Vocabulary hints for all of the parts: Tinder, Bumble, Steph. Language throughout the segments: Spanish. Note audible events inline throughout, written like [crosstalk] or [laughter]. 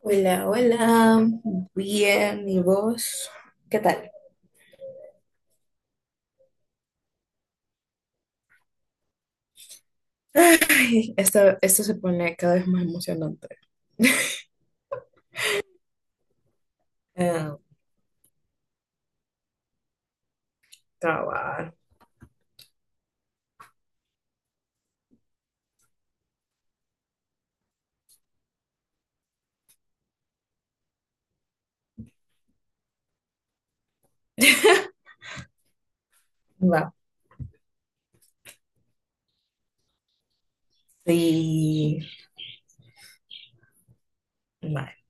Hola, hola, bien, ¿y vos? ¿Qué tal? Ay, esto se pone cada vez más emocionante. [laughs] Eh, cabal. [laughs] Va. Sí. Vale.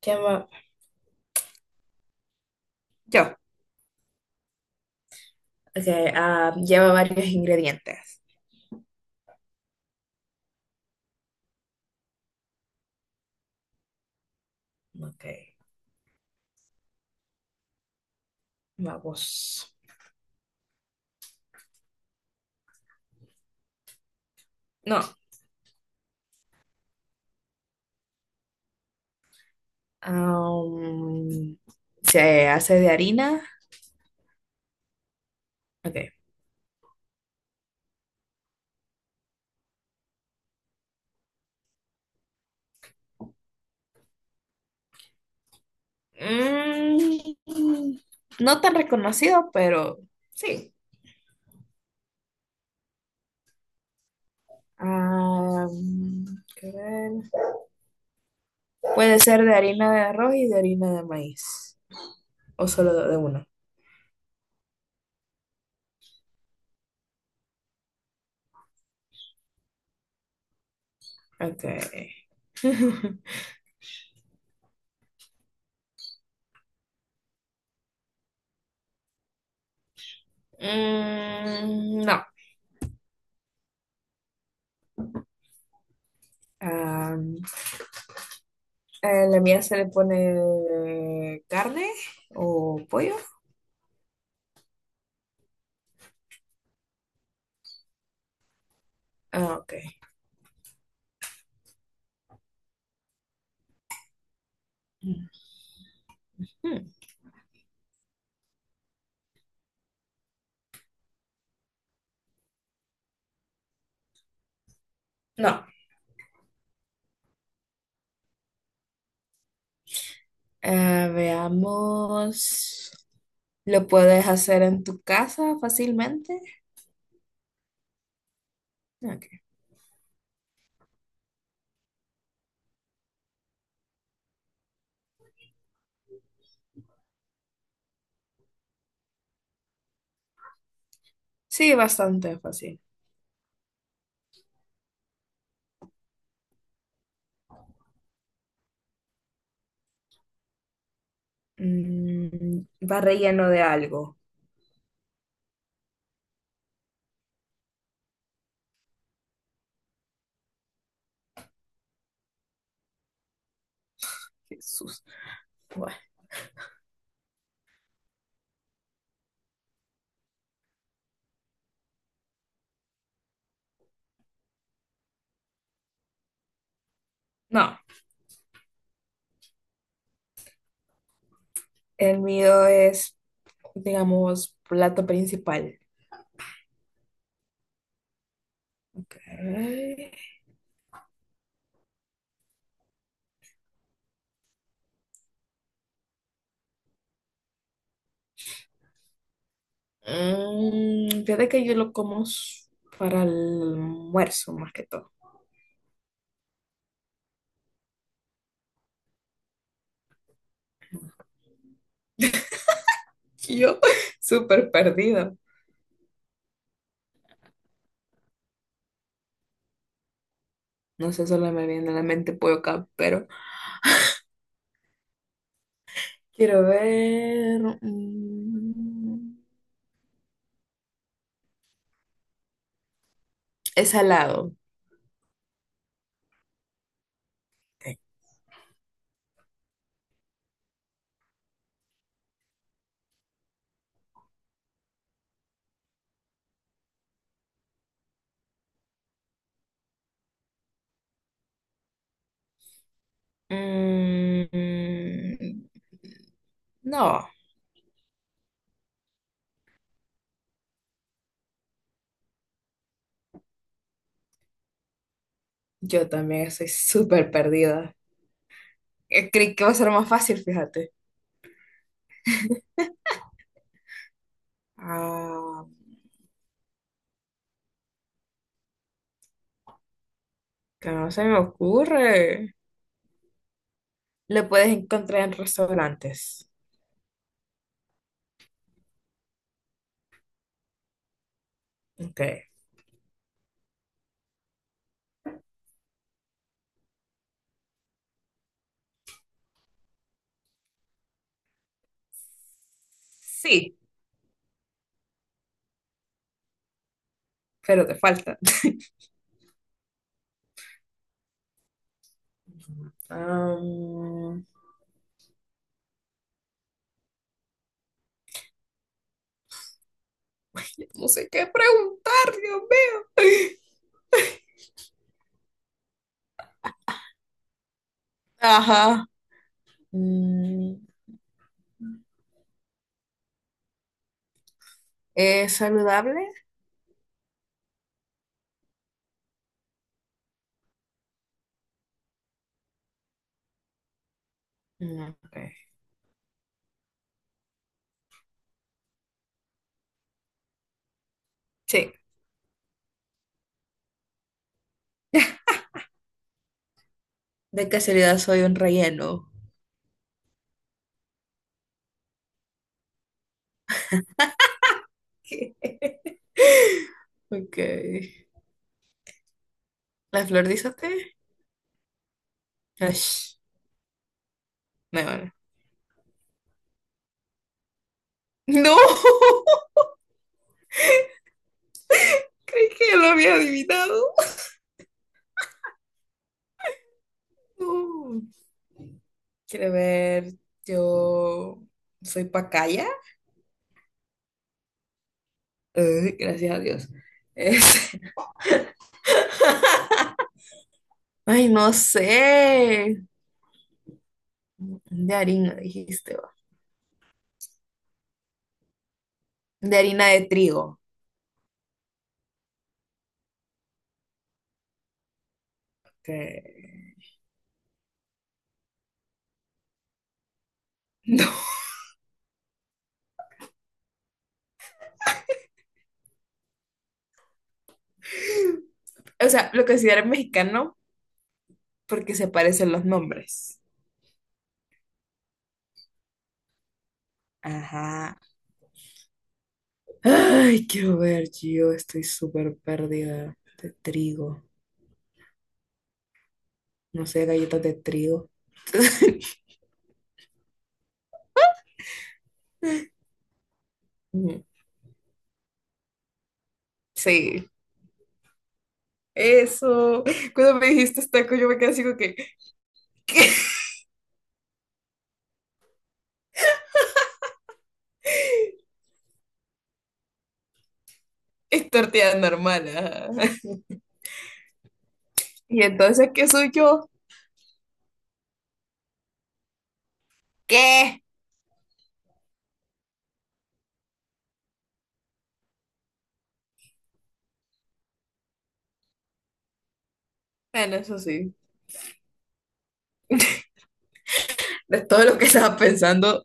¿Qué va? Yo. Ok, lleva varios ingredientes. Ok, vamos. No. Am, se hace de harina. Ok. Mm, no tan reconocido, pero sí. Ah, ¿qué ver? Puede ser de harina de arroz y de harina de maíz. O solo de uno. Ok. [laughs] No. Ah, ¿a la mía se le pone carne o pollo. Ah, ok. Mm, No. Ah, veamos. ¿Lo puedes hacer en tu casa fácilmente? Ok. Sí, bastante fácil. Mm, va relleno de algo. Jesús. Bueno, no, el mío es, digamos, plato principal. Ok. Fíjate que yo lo como para el almuerzo más que todo. Yo, [laughs] súper perdido. No sé, solo me viene a la mente pollo acá, pero quiero ver. Es salado. Ok. Mm, no, yo también estoy súper perdida. Creí que va a ser más fácil, fíjate. Ah, que no se me ocurre. Lo puedes encontrar en restaurantes. Ok, sí, pero te falta. Am, No sé qué preguntar, Dios mío. [laughs] Ajá. Mm, ¿es saludable? Mm, ok. Sí. [laughs] De casualidad soy un relleno. [laughs] ¿Qué? Ok. ¿La flor dice té? Ash, no, bueno. No, [laughs] creí que lo había adivinado. Uh, quiero ver, yo soy pacaya. Ay, gracias a Dios. Es- [laughs] ay, no sé. De harina, dijiste, va. De harina de trigo. Que- [laughs] No. O sea, lo considero mexicano porque se parecen los nombres. Ajá. Ay, quiero ver, yo estoy súper perdida de trigo. No sé, galletas de trigo. [laughs] Mm, sí, eso. Cuando me dijiste taco, yo me quedé así como que, ¿qué? [laughs] Es tortilla normal. Ajá. [laughs] ¿Y entonces qué soy yo? ¿Qué? Bueno, eso sí. De todo lo que estaba pensando,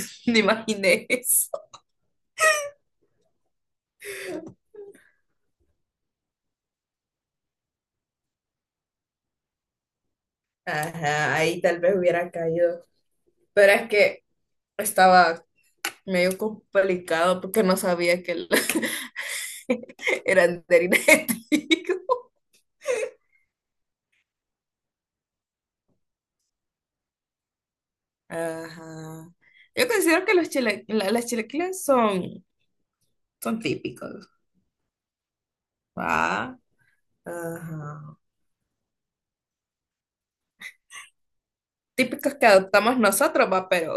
[laughs] ni imaginé eso. Ajá, ahí tal vez hubiera caído. Pero es que estaba medio complicado porque no sabía que [laughs] eran de harina de trigo. Ajá. Yo considero que los las chilaquiles son típicos. ¿Va? Ajá. Típicos que adoptamos nosotros, va, pero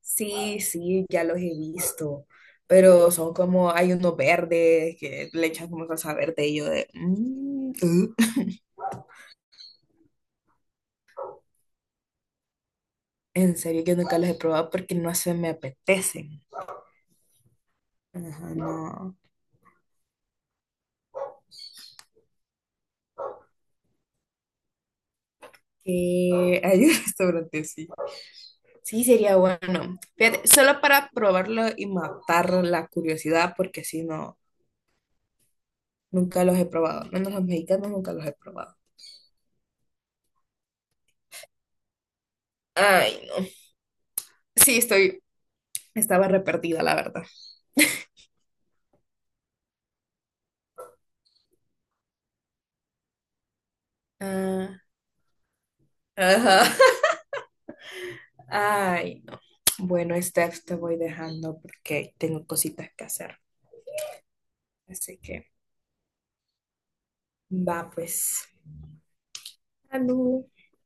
sí, sí, ya los he visto, pero son como, hay unos verdes que le echan como salsa verde y yo de, "Mm". En serio que nunca los he probado porque no se me apetecen. Ajá, no. Que hay un [laughs] restaurante, sí. Sí, sería bueno. Fíjate, solo para probarlo y matar la curiosidad porque si no, nunca los he probado. Menos los mexicanos nunca los he probado. Ay, no. Sí, estoy, estaba re perdida, la verdad. Ah, ajá. Ay, no. Bueno, Steph, te voy dejando porque tengo cositas que hacer. Así que va, pues. Salud.